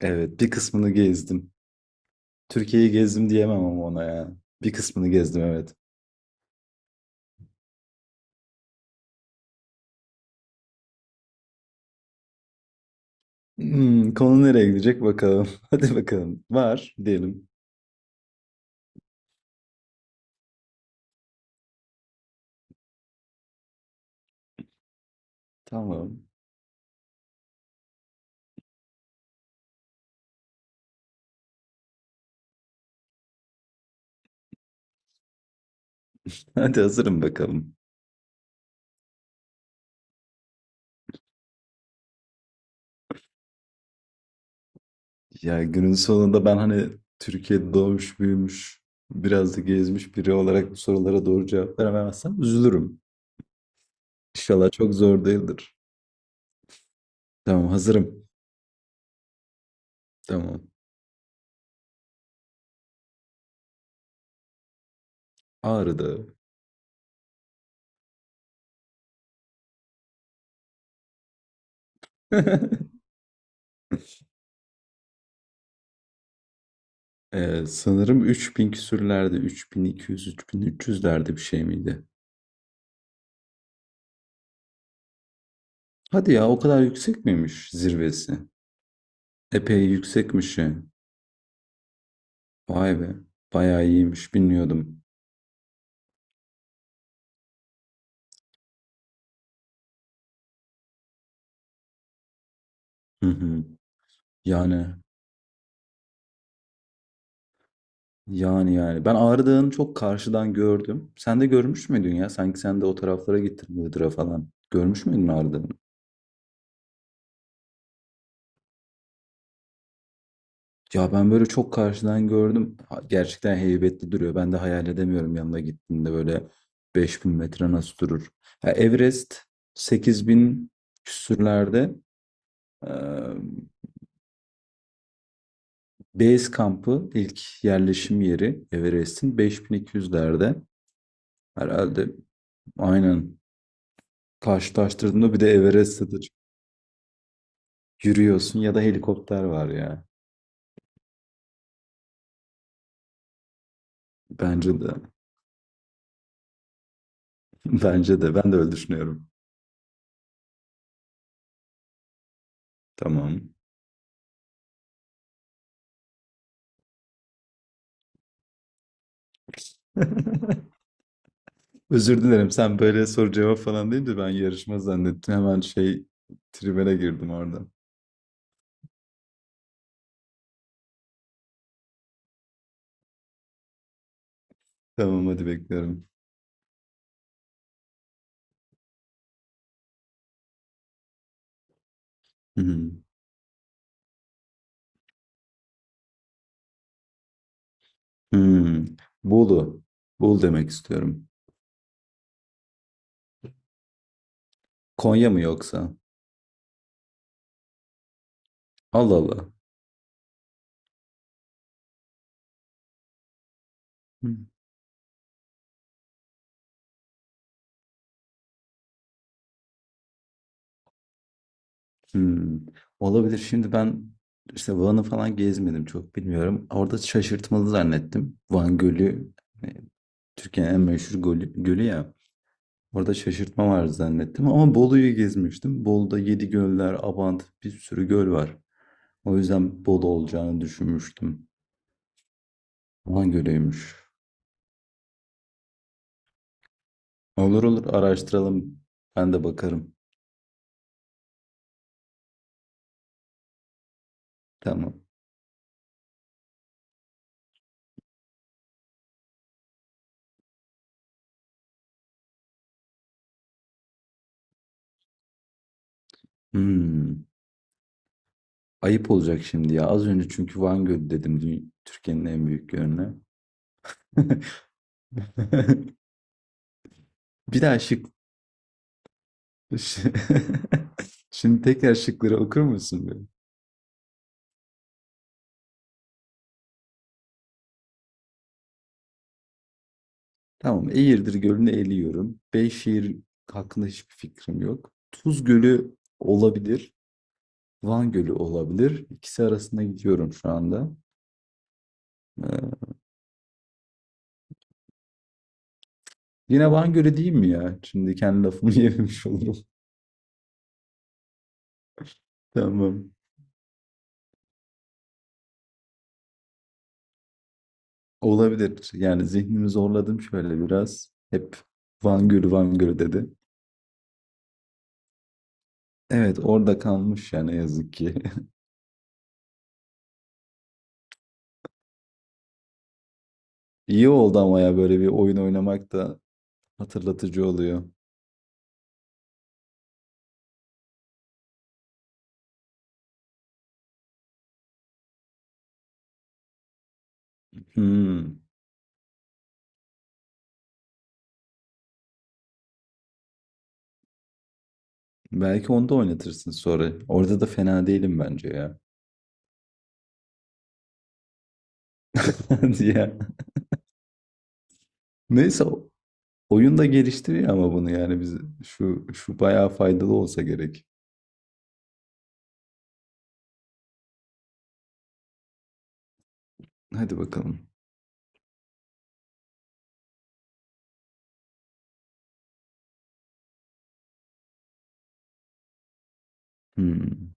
Evet, bir kısmını gezdim. Türkiye'yi gezdim diyemem ama ona ya. Bir kısmını gezdim evet. Konu nereye gidecek bakalım. Hadi bakalım. Var diyelim. Tamam. Hadi hazırım bakalım. Ya günün sonunda ben hani Türkiye'de doğmuş büyümüş biraz da gezmiş biri olarak bu sorulara doğru cevap veremezsem üzülürüm. İnşallah çok zor değildir. Tamam hazırım. Tamam. Ağrı'da. Sanırım 3000 küsürlerde 3200-3300'lerde bir şey miydi? Hadi ya o kadar yüksek miymiş zirvesi? Epey yüksekmiş ya. Vay be. Bayağı iyiymiş bilmiyordum. Hı hı. Yani yani yani. Ben Ağrı Dağı'nı çok karşıdan gördüm. Sen de görmüş müydün ya? Sanki sen de o taraflara gittin Iğdır'a falan. Görmüş müydün Ağrı Dağı'nı? Ya ben böyle çok karşıdan gördüm. Gerçekten heybetli duruyor. Ben de hayal edemiyorum yanına gittiğinde böyle 5.000 metre nasıl durur. Ha, Everest 8.000 küsürlerde. Base kampı ilk yerleşim yeri Everest'in 5200'lerde. Herhalde aynen karşılaştırdığında bir de Everest'te de yürüyorsun ya da helikopter var ya. Bence de. Bence de. Ben de öyle düşünüyorum. Tamam. Özür dilerim. Sen böyle soru cevap falan deyince ben yarışma zannettim. Hemen şey tribüne girdim orada. Tamam hadi bekliyorum. Hmm. Hmm. Bolu. Bolu demek istiyorum. Konya mı yoksa? Allah Allah. Hımm. Olabilir. Şimdi ben, işte, Van'ı falan gezmedim, çok bilmiyorum. Orada şaşırtmalı zannettim. Van Gölü, eee, Türkiye'nin en meşhur gölü ya. Orada şaşırtma var zannettim ama Bolu'yu gezmiştim. Bolu'da Yedi göller Abant bir sürü göl var. O yüzden Bolu olacağını düşünmüştüm. Van Gölü'ymüş. Olur olur, araştıralım. Ben de bakarım. Tamam. Hımm. Ayıp olacak şimdi ya. Az önce çünkü Van Gölü dedim Türkiye'nin en büyük gölüne. Bir daha şık. Şimdi tekrar şıkları okur musun böyle? Tamam. Eğirdir Gölü'nü eliyorum. Beyşehir hakkında hiçbir fikrim yok. Tuz Gölü olabilir. Van Gölü olabilir. İkisi arasında gidiyorum şu anda. Ee, yine Van Gölü değil mi ya? Şimdi kendi lafımı yememiş olurum. Tamam. Olabilir. Yani zihnimi zorladım şöyle biraz. Hep Van Gölü Van Gölü dedi. Evet, orada kalmış yani ne yazık ki. İyi oldu ama ya böyle bir oyun oynamak da hatırlatıcı oluyor. Hmm. Belki onda oynatırsın sonra. Orada da fena değilim bence ya. Diye. Neyse oyun da geliştiriyor ama bunu yani biz şu bayağı faydalı olsa gerek. Hadi bakalım. Hmm.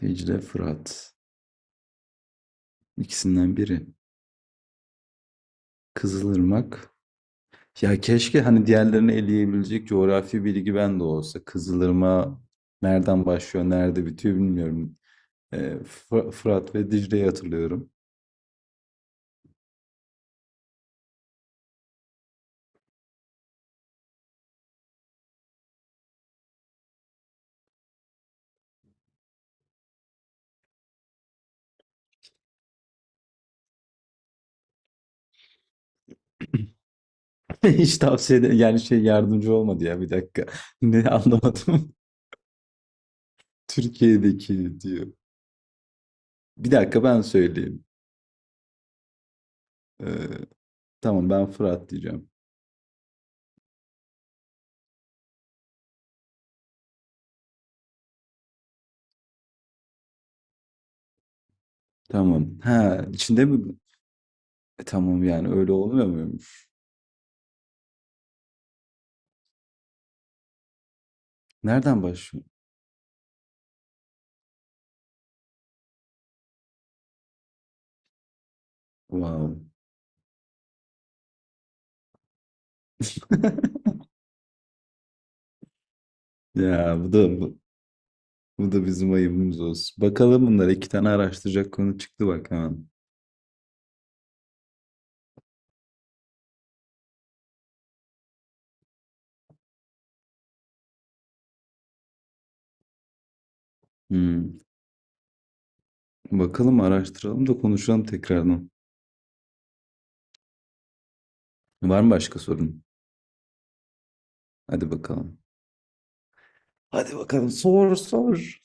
Dicle Fırat. İkisinden biri. Kızılırmak. Ya keşke hani diğerlerini eleyebilecek coğrafi bilgi bende olsa. Kızılırmak nereden başlıyor, nerede bitiyor bilmiyorum. Ee, Fırat ve Dicle'yi hatırlıyorum. Yani şey yardımcı olmadı ya bir dakika. Ne anlamadım. Türkiye'deki diyor. Bir dakika ben söyleyeyim. Ee, tamam ben Fırat diyeceğim. Tamam. Ha içinde mi? E, tamam yani öyle olmuyor muymuş? Nereden başlıyor? Wow. Ya bu da bizim ayıbımız olsun. Bakalım bunlar iki tane araştıracak konu çıktı bak hemen. Hmm. Bakalım araştıralım da konuşalım tekrardan. Var mı başka sorun? Hadi bakalım. Hadi bakalım sor sor.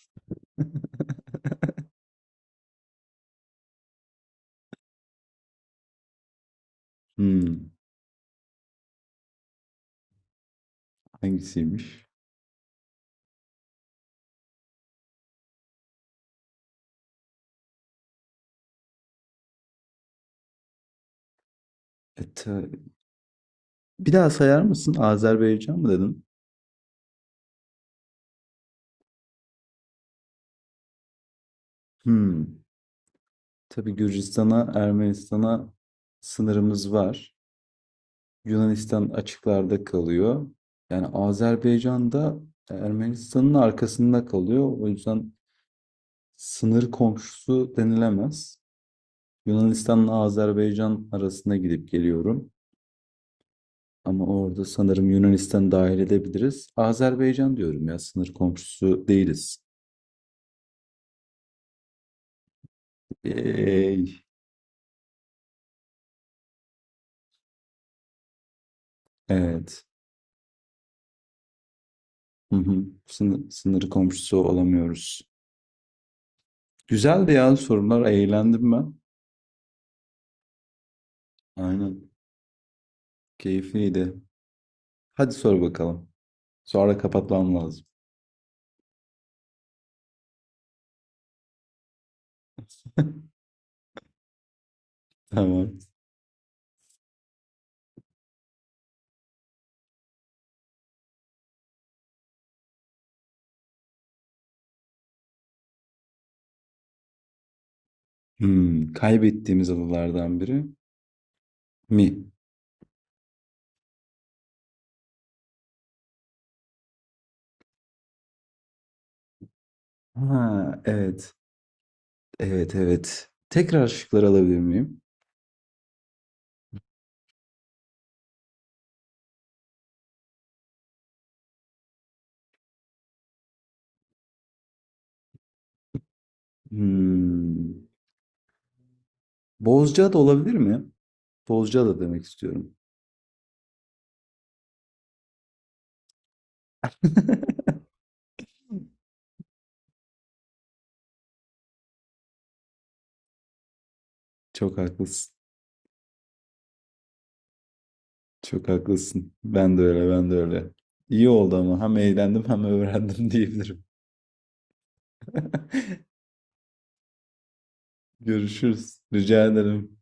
Hmm, hangisiymiş? E, bir daha sayar mısın? Azerbaycan mı dedin? Hmm. Tabii Gürcistan'a, Ermenistan'a sınırımız var. Yunanistan açıklarda kalıyor. Yani Azerbaycan da Ermenistan'ın arkasında kalıyor. O yüzden sınır komşusu denilemez. Yunanistan'la Azerbaycan arasında gidip geliyorum. Ama orada sanırım Yunanistan dahil edebiliriz. Azerbaycan diyorum ya sınır komşusu değiliz. Ey, evet. Hı hı. Sınır komşusu olamıyoruz. Güzeldi ya sorular. Eğlendim ben. Aynen. Keyifliydi. Hadi sor bakalım. Sonra kapatmam lazım. Tamam. Kaybettiğimiz adalardan biri mi? Ha, evet. Evet, evet. Tekrar şıkları alabilir miyim? Hmm. Bozcaada olabilir mi? Bozcaada demek istiyorum. Çok haklısın. Çok haklısın. Ben de öyle, ben de öyle. İyi oldu ama hem eğlendim hem öğrendim diyebilirim. Görüşürüz. Rica ederim.